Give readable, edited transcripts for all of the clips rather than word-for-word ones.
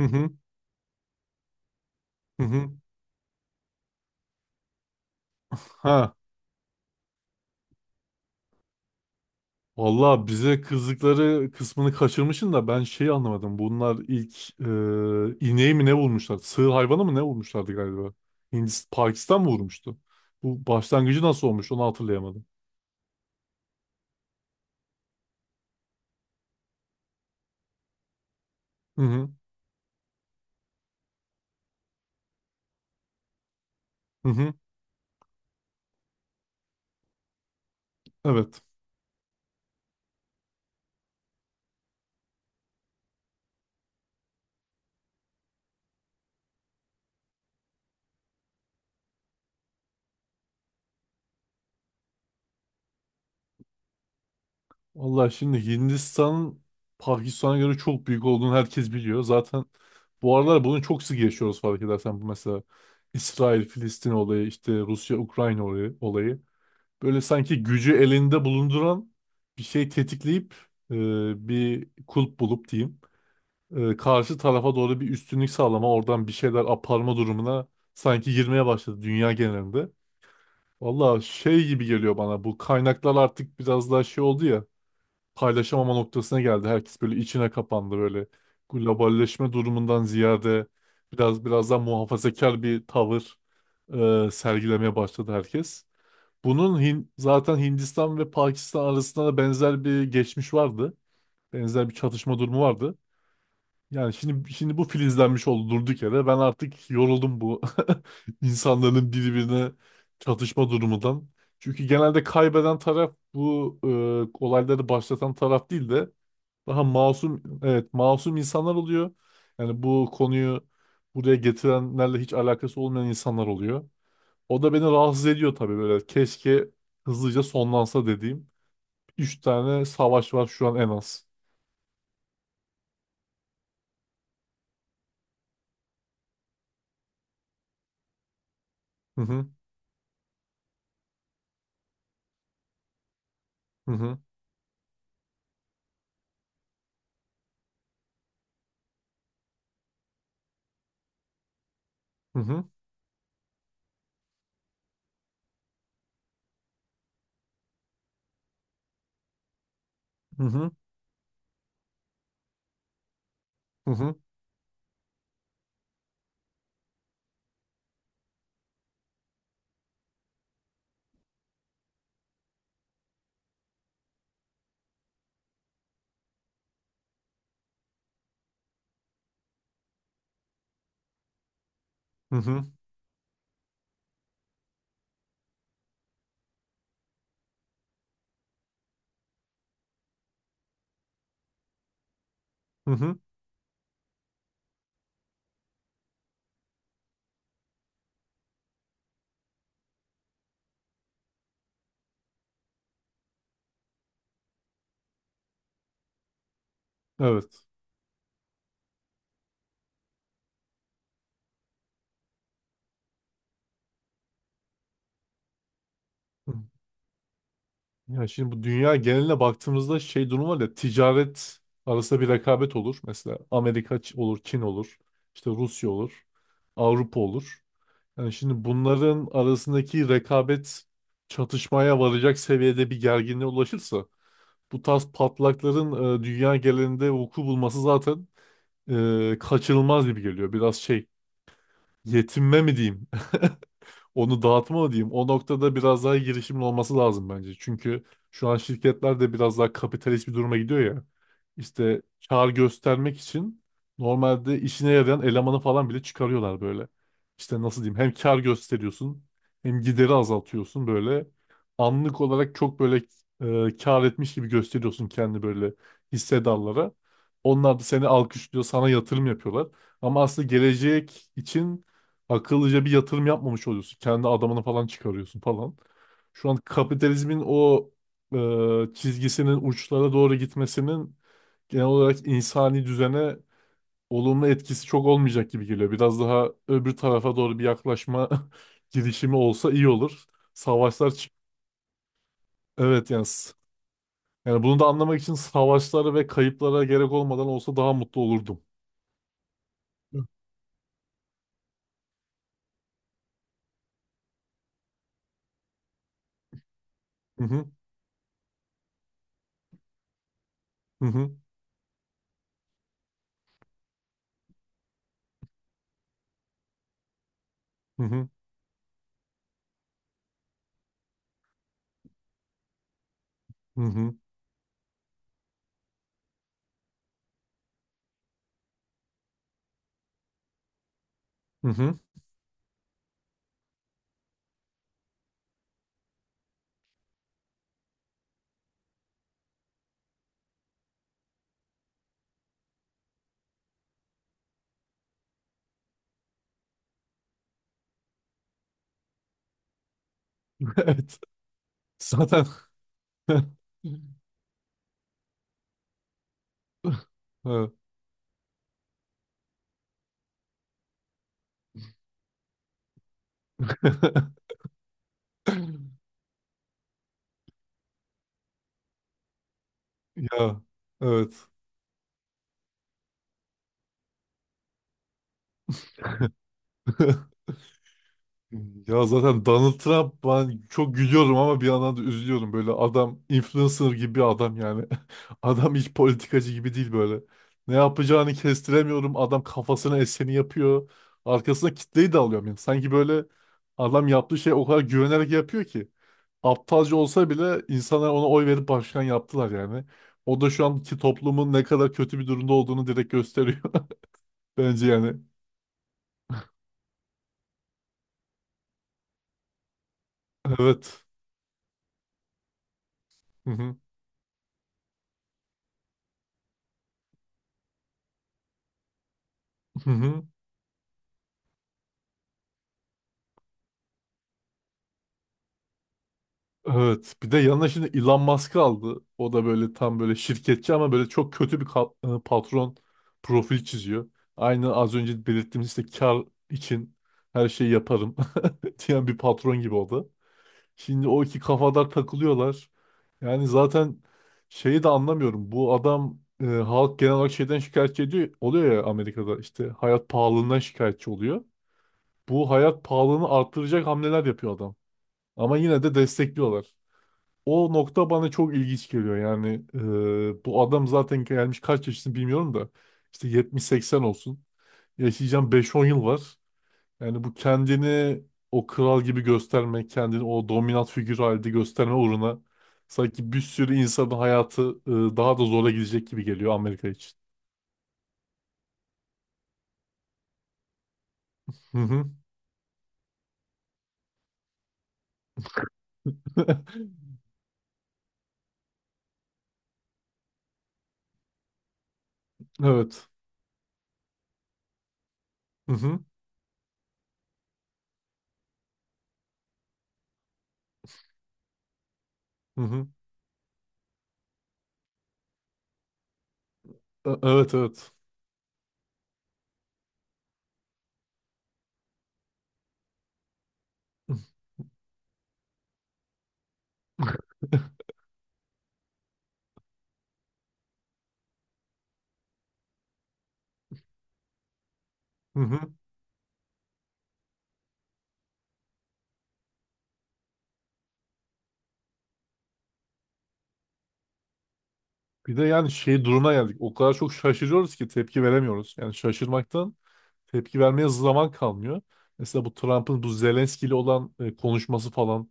Hı hı hı hı. Ha. Valla bize kızdıkları kısmını kaçırmışsın da ben şeyi anlamadım. Bunlar ilk ineği mi ne vurmuşlar? Sığır hayvanı mı ne vurmuşlardı galiba? Hindistan, Pakistan mı vurmuştu? Bu başlangıcı nasıl olmuş onu hatırlayamadım. Hı hı hı hı. Evet. Valla şimdi Hindistan Pakistan'a göre çok büyük olduğunu herkes biliyor. Zaten bu aralar bunu çok sık yaşıyoruz fark edersen. Bu mesela İsrail-Filistin olayı, işte Rusya-Ukrayna olayı. Böyle sanki gücü elinde bulunduran bir şey tetikleyip bir kulp bulup diyeyim. Karşı tarafa doğru bir üstünlük sağlama, oradan bir şeyler aparma durumuna sanki girmeye başladı dünya genelinde. Valla şey gibi geliyor bana, bu kaynaklar artık biraz daha şey oldu ya, paylaşamama noktasına geldi. Herkes böyle içine kapandı, böyle globalleşme durumundan ziyade biraz daha muhafazakar bir tavır sergilemeye başladı herkes. Bunun zaten Hindistan ve Pakistan arasında da benzer bir geçmiş vardı. Benzer bir çatışma durumu vardı. Yani şimdi bu filizlenmiş oldu durduk yere. Ben artık yoruldum bu insanların birbirine çatışma durumundan. Çünkü genelde kaybeden taraf bu olayları başlatan taraf değil de daha masum, evet, masum insanlar oluyor. Yani bu konuyu buraya getirenlerle hiç alakası olmayan insanlar oluyor. O da beni rahatsız ediyor tabii böyle. Keşke hızlıca sonlansa dediğim. 3 tane savaş var şu an en az. Hı hı hı hı hı hı hı hı hı hı hı hı hı hı. Evet. Hı. Ya şimdi bu dünya geneline baktığımızda şey durum var ya, ticaret arasında bir rekabet olur. Mesela Amerika olur, Çin olur, işte Rusya olur, Avrupa olur. Yani şimdi bunların arasındaki rekabet çatışmaya varacak seviyede bir gerginliğe ulaşırsa bu tarz patlakların dünya genelinde vuku bulması zaten kaçınılmaz gibi geliyor. Biraz şey, yetinme mi diyeyim? Onu dağıtma mı diyeyim. O noktada biraz daha girişimin olması lazım bence. Çünkü şu an şirketler de biraz daha kapitalist bir duruma gidiyor ya. İşte kar göstermek için normalde işine yarayan elemanı falan bile çıkarıyorlar böyle. İşte nasıl diyeyim, hem kar gösteriyorsun hem gideri azaltıyorsun böyle. Anlık olarak çok böyle kar etmiş gibi gösteriyorsun kendi böyle hissedarlara. Onlar da seni alkışlıyor, sana yatırım yapıyorlar. Ama aslında gelecek için akıllıca bir yatırım yapmamış oluyorsun. Kendi adamını falan çıkarıyorsun falan. Şu an kapitalizmin o çizgisinin uçlara doğru gitmesinin genel olarak insani düzene olumlu etkisi çok olmayacak gibi geliyor. Biraz daha öbür tarafa doğru bir yaklaşma girişimi olsa iyi olur. Savaşlar çık. Evet yani. Yani bunu da anlamak için savaşlara ve kayıplara gerek olmadan olsa daha mutlu olurdum. Hı. Hı hı hı hı hı hı hı hı. Evet. Zaten Ha. Ya evet. Ya zaten Donald Trump, ben çok gülüyorum ama bir yandan da üzülüyorum. Böyle adam influencer gibi bir adam yani. Adam hiç politikacı gibi değil böyle. Ne yapacağını kestiremiyorum. Adam kafasına eseni yapıyor. Arkasına kitleyi de alıyor. Yani sanki böyle adam yaptığı şey o kadar güvenerek yapıyor ki. Aptalca olsa bile insanlar ona oy verip başkan yaptılar yani. O da şu anki toplumun ne kadar kötü bir durumda olduğunu direkt gösteriyor. Bence yani. Evet. Hı hı. Hı hı. Evet. Bir de yanına şimdi Elon Musk'ı aldı. O da böyle tam böyle şirketçi ama böyle çok kötü bir patron profil çiziyor. Aynı az önce belirttiğimiz işte kar için her şeyi yaparım diyen bir patron gibi o da. Şimdi o iki kafadar takılıyorlar. Yani zaten şeyi de anlamıyorum. Bu adam halk genel olarak şeyden şikayetçi ediyor, oluyor ya, Amerika'da işte hayat pahalılığından şikayetçi oluyor. Bu hayat pahalılığını arttıracak hamleler yapıyor adam. Ama yine de destekliyorlar. O nokta bana çok ilginç geliyor. Yani bu adam zaten gelmiş, kaç yaşını bilmiyorum da işte 70-80 olsun. Yaşayacağım 5-10 yıl var. Yani bu kendini o kral gibi göstermek, kendini o dominant figür halinde gösterme uğruna sanki bir sürü insanın hayatı daha da zora gidecek gibi geliyor Amerika için. Hı hı. Evet. Hı hı. Hı hı. Evet evet. Hı hı. Bir de yani şey duruma geldik. O kadar çok şaşırıyoruz ki tepki veremiyoruz. Yani şaşırmaktan tepki vermeye zaman kalmıyor. Mesela bu Trump'ın bu Zelenski ile olan konuşması falan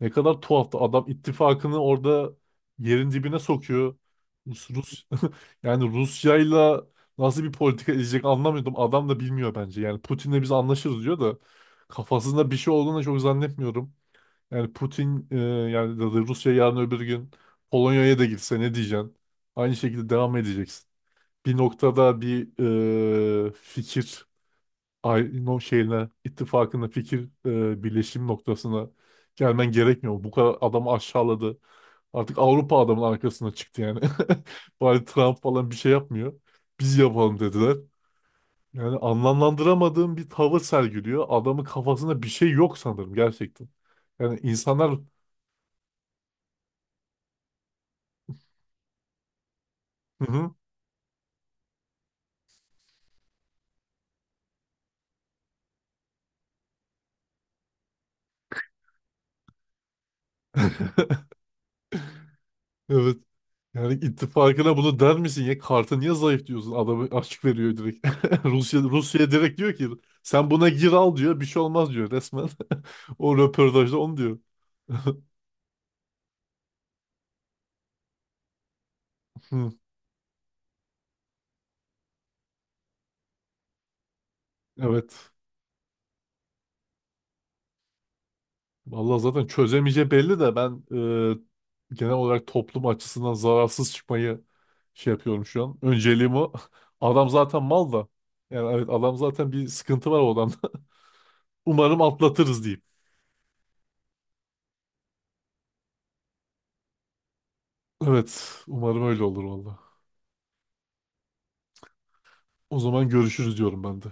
ne kadar tuhaftı. Adam ittifakını orada yerin dibine sokuyor. Rus, yani Rusya'yla nasıl bir politika izleyecek anlamıyordum. Adam da bilmiyor bence. Yani Putin'le biz anlaşırız diyor da kafasında bir şey olduğunu da çok zannetmiyorum. Yani Putin yani da Rusya yarın öbür gün Polonya'ya da gitse ne diyeceksin? Aynı şekilde devam edeceksin. Bir noktada bir fikir no şeyine ittifakına fikir birleşim noktasına gelmen gerekmiyor mu? Bu kadar adamı aşağıladı. Artık Avrupa adamın arkasına çıktı yani. Bari Trump falan bir şey yapmıyor. Biz yapalım dediler. Yani anlamlandıramadığım bir tavır sergiliyor. Adamın kafasında bir şey yok sanırım gerçekten. Yani insanlar. Hı hı. Evet. Yani ittifakına bunu der misin ya? Kartı niye zayıf diyorsun? Adamı açık veriyor direkt. Rusya, Rusya direkt diyor ki sen buna gir al, diyor. Bir şey olmaz, diyor resmen. O röportajda onu diyor. Hı. Evet. Vallahi zaten çözemeyeceği belli de ben genel olarak toplum açısından zararsız çıkmayı şey yapıyorum şu an. Önceliğim o. Adam zaten mal da. Yani evet, adam zaten bir sıkıntı var o adamda. Umarım atlatırız diyeyim. Evet. Umarım öyle olur vallahi. O zaman görüşürüz diyorum ben de.